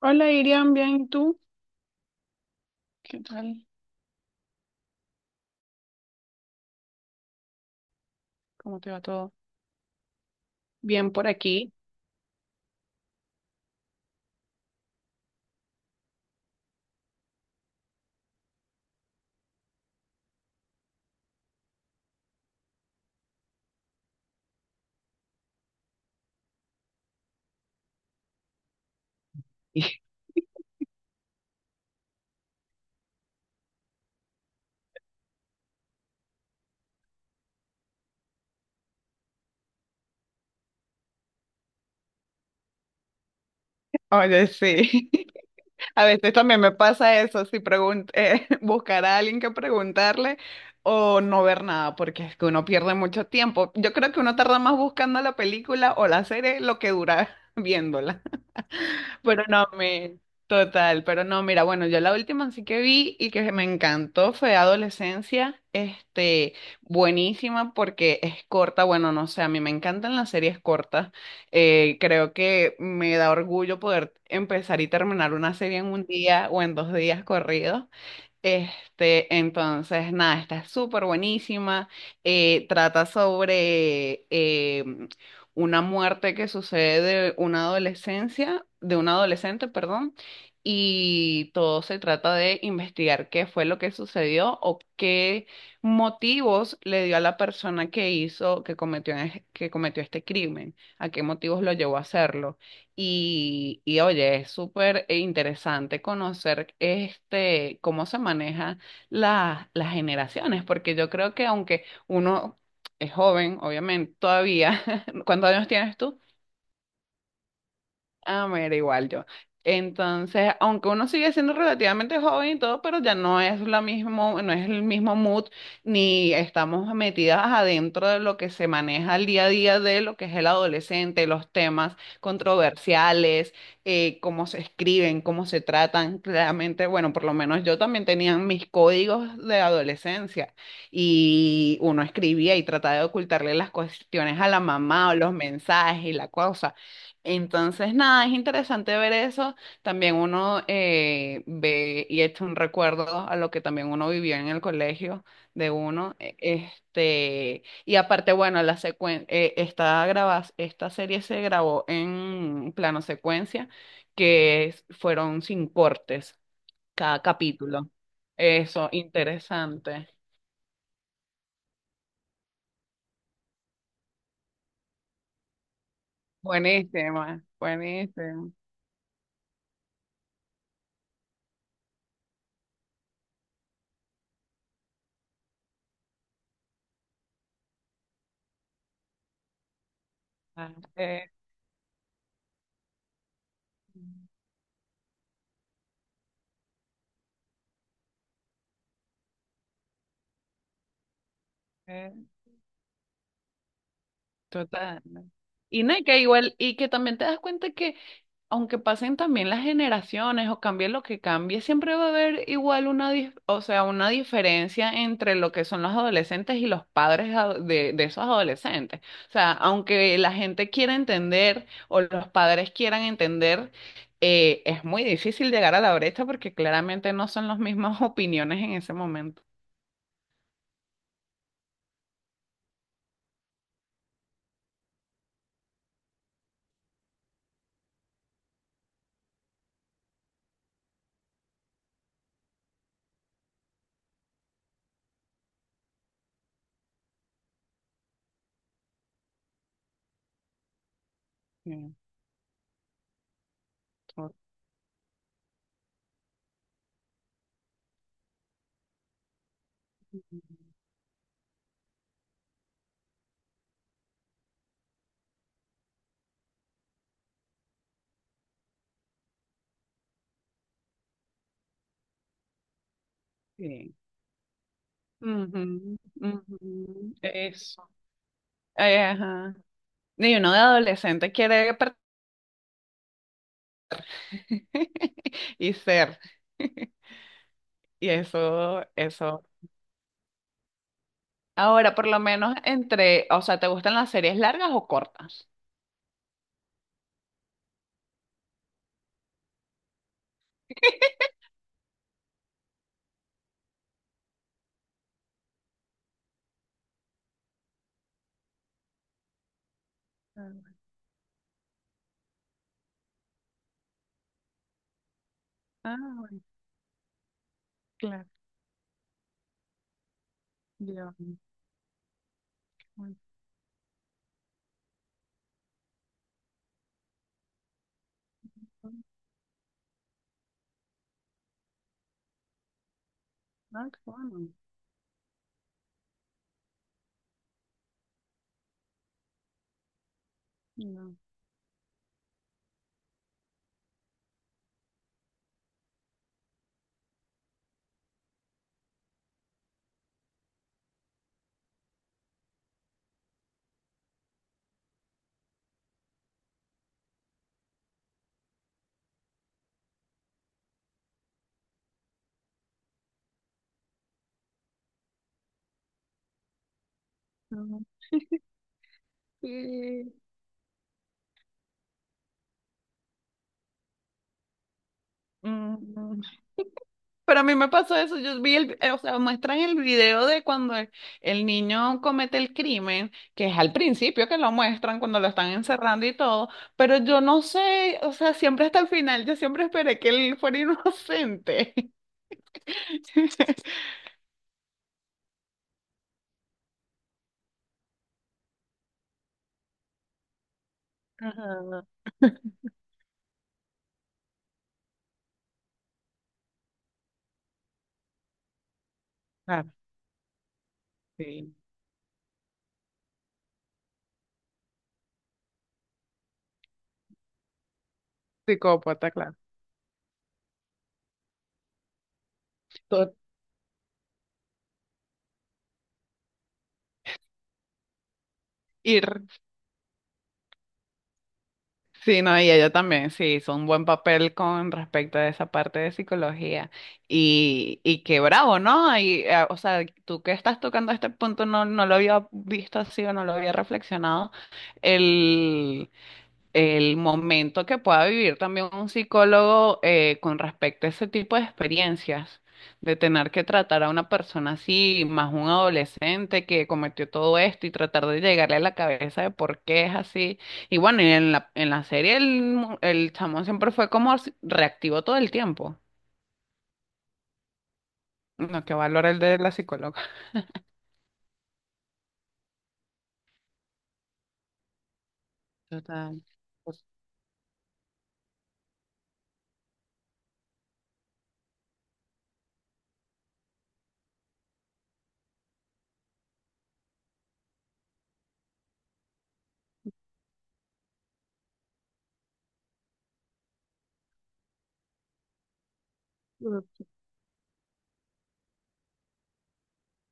Hola Irian, bien, ¿y tú? ¿Qué tal? ¿Cómo te va todo? Bien por aquí. Oye, sí. A veces también me pasa eso, si pregun- buscar a alguien que preguntarle o no ver nada, porque es que uno pierde mucho tiempo. Yo creo que uno tarda más buscando la película o la serie lo que dura viéndola. Pero no, me... Total, pero no, mira, bueno, yo la última sí que vi y que me encantó fue Adolescencia, buenísima porque es corta, bueno, no sé, a mí me encantan las series cortas, creo que me da orgullo poder empezar y terminar una serie en un día o en dos días corridos, entonces, nada, está súper buenísima. Trata sobre una muerte que sucede de una adolescencia, de una adolescente, perdón, y todo se trata de investigar qué fue lo que sucedió o qué motivos le dio a la persona que hizo, que cometió este crimen, a qué motivos lo llevó a hacerlo. Y oye, es súper interesante conocer este, cómo se manejan las generaciones, porque yo creo que aunque uno es joven, obviamente, todavía, ¿cuántos años tienes tú? Ah, mira, igual yo. Entonces, aunque uno sigue siendo relativamente joven y todo, pero ya no es la mismo, no es el mismo mood, ni estamos metidas adentro de lo que se maneja el día a día de lo que es el adolescente, los temas controversiales, cómo se escriben, cómo se tratan. Claramente, bueno, por lo menos yo también tenía mis códigos de adolescencia y uno escribía y trataba de ocultarle las cuestiones a la mamá o los mensajes y la cosa, entonces, nada, es interesante ver eso. También uno ve y echa un recuerdo a lo que también uno vivió en el colegio de uno. Este, y aparte, bueno, la secuen esta, graba- esta serie se grabó en plano secuencia, fueron sin cortes cada capítulo. Eso, interesante. Buenísima, buenísima. Ah, eh, eh. Total. ¿No? Y no, y que igual, y que también te das cuenta que aunque pasen también las generaciones o cambie lo que cambie, siempre va a haber igual o sea, una diferencia entre lo que son los adolescentes y los padres de esos adolescentes. O sea, aunque la gente quiera entender o los padres quieran entender, es muy difícil llegar a la brecha porque claramente no son las mismas opiniones en ese momento. Sí, to- sí. Ujú, ujú, ajá. Y uno de adolescente quiere per- y ser. Y eso, eso. Ahora, por lo menos entre, o sea, ¿te gustan las series largas o cortas? Ah, bueno, claro. Dios mío. Ah, qué bueno. No, no, sí. Mm, pero a mí me pasó eso, yo vi o sea, muestran el video de cuando el niño comete el crimen, que es al principio que lo muestran cuando lo están encerrando y todo, pero yo no sé, o sea, siempre hasta el final, yo siempre esperé que él fuera inocente. Ajá. Ah, sí. Psicópata, claro. Tot- Ir. Sí, no, y ella también, sí, hizo un buen papel con respecto a esa parte de psicología. Y qué bravo, ¿no? O sea, tú que estás tocando este punto, no, no lo había visto así o no lo había reflexionado el momento que pueda vivir también un psicólogo con respecto a ese tipo de experiencias, de tener que tratar a una persona así, más un adolescente que cometió todo esto y tratar de llegarle a la cabeza de por qué es así. Y bueno, y en en la serie el chamo siempre fue como reactivo todo el tiempo. No, qué valor el de la psicóloga. Total.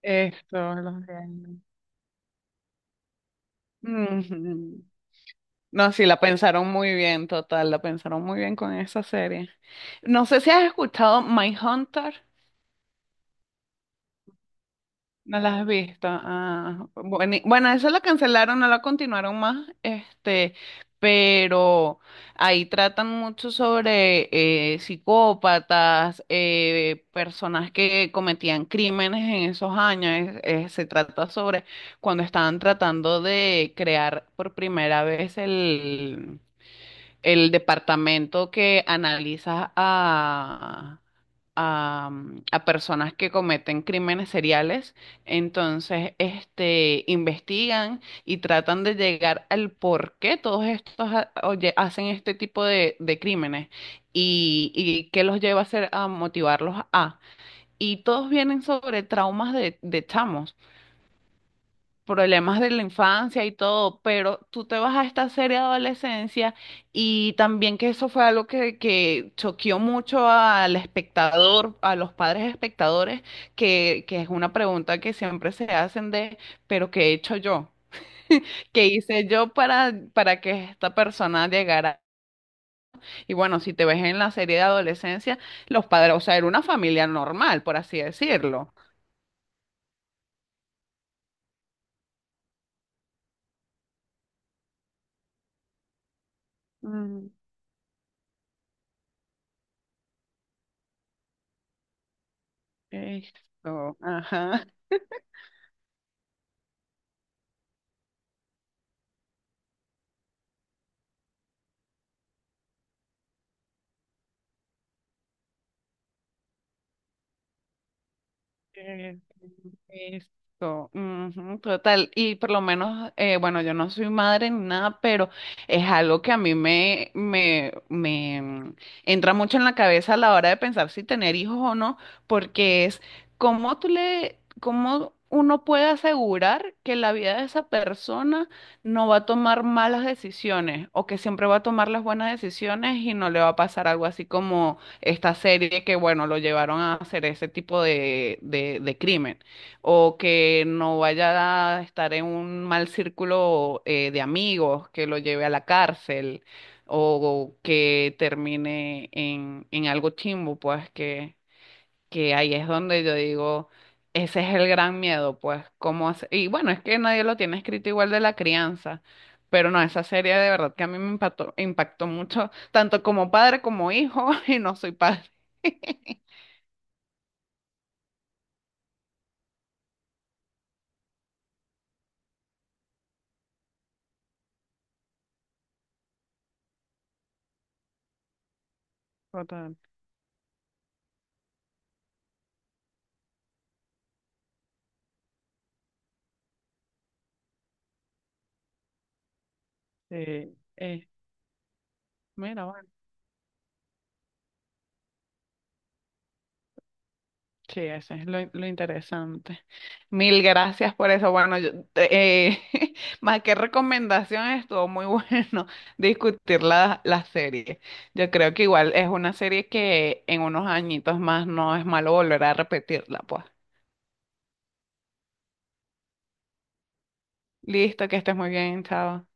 Esto, los de ahí. Ujú. No, sí, la pensaron muy bien, total, la pensaron muy bien con esa serie. No sé si has escuchado Hunter, no la has visto. Ah, bueno, eso lo cancelaron, no la continuaron más, pero ahí tratan mucho sobre psicópatas, personas que cometían crímenes en esos años. Se trata sobre cuando estaban tratando de crear por primera vez el departamento que analiza a personas que cometen crímenes seriales, entonces este, investigan y tratan de llegar al por qué todos oye, hacen este tipo de crímenes y qué los lleva a hacer, a motivarlos a. Y todos vienen sobre traumas de chamos problemas de la infancia y todo, pero tú te vas a esta serie de adolescencia y también que eso fue algo que choqueó mucho al espectador, a los padres espectadores, que es una pregunta que siempre se hacen de, pero ¿qué he hecho yo? ¿Qué hice yo para que esta persona llegara? Y bueno, si te ves en la serie de adolescencia, los padres, o sea, era una familia normal, por así decirlo. Mm, ajá. Eh, ujú, total. Y por lo menos, bueno, yo no soy madre ni nada, pero es algo que a mí me entra mucho en la cabeza a la hora de pensar si tener hijos o no, porque es cómo tú le, cómo uno puede asegurar que la vida de esa persona no va a tomar malas decisiones o que siempre va a tomar las buenas decisiones y no le va a pasar algo así como esta serie que, bueno, lo llevaron a hacer ese tipo de crimen, o que no vaya a estar en un mal círculo de amigos, que lo lleve a la cárcel, o que termine en algo chimbo, pues que ahí es donde yo digo, ese es el gran miedo, pues, y bueno, es que nadie lo tiene escrito igual de la crianza, pero no, esa serie de verdad que a mí me impactó, impactó mucho, tanto como padre como hijo, y no soy padre. Total. Sí, eh, mira, sí, eso es lo interesante. Mil gracias por eso. Más que recomendación, estuvo muy bueno discutir la serie. Yo creo que igual es una serie que en unos añitos más no es malo volver a repetirla, pues. Listo, que estés muy bien, chao.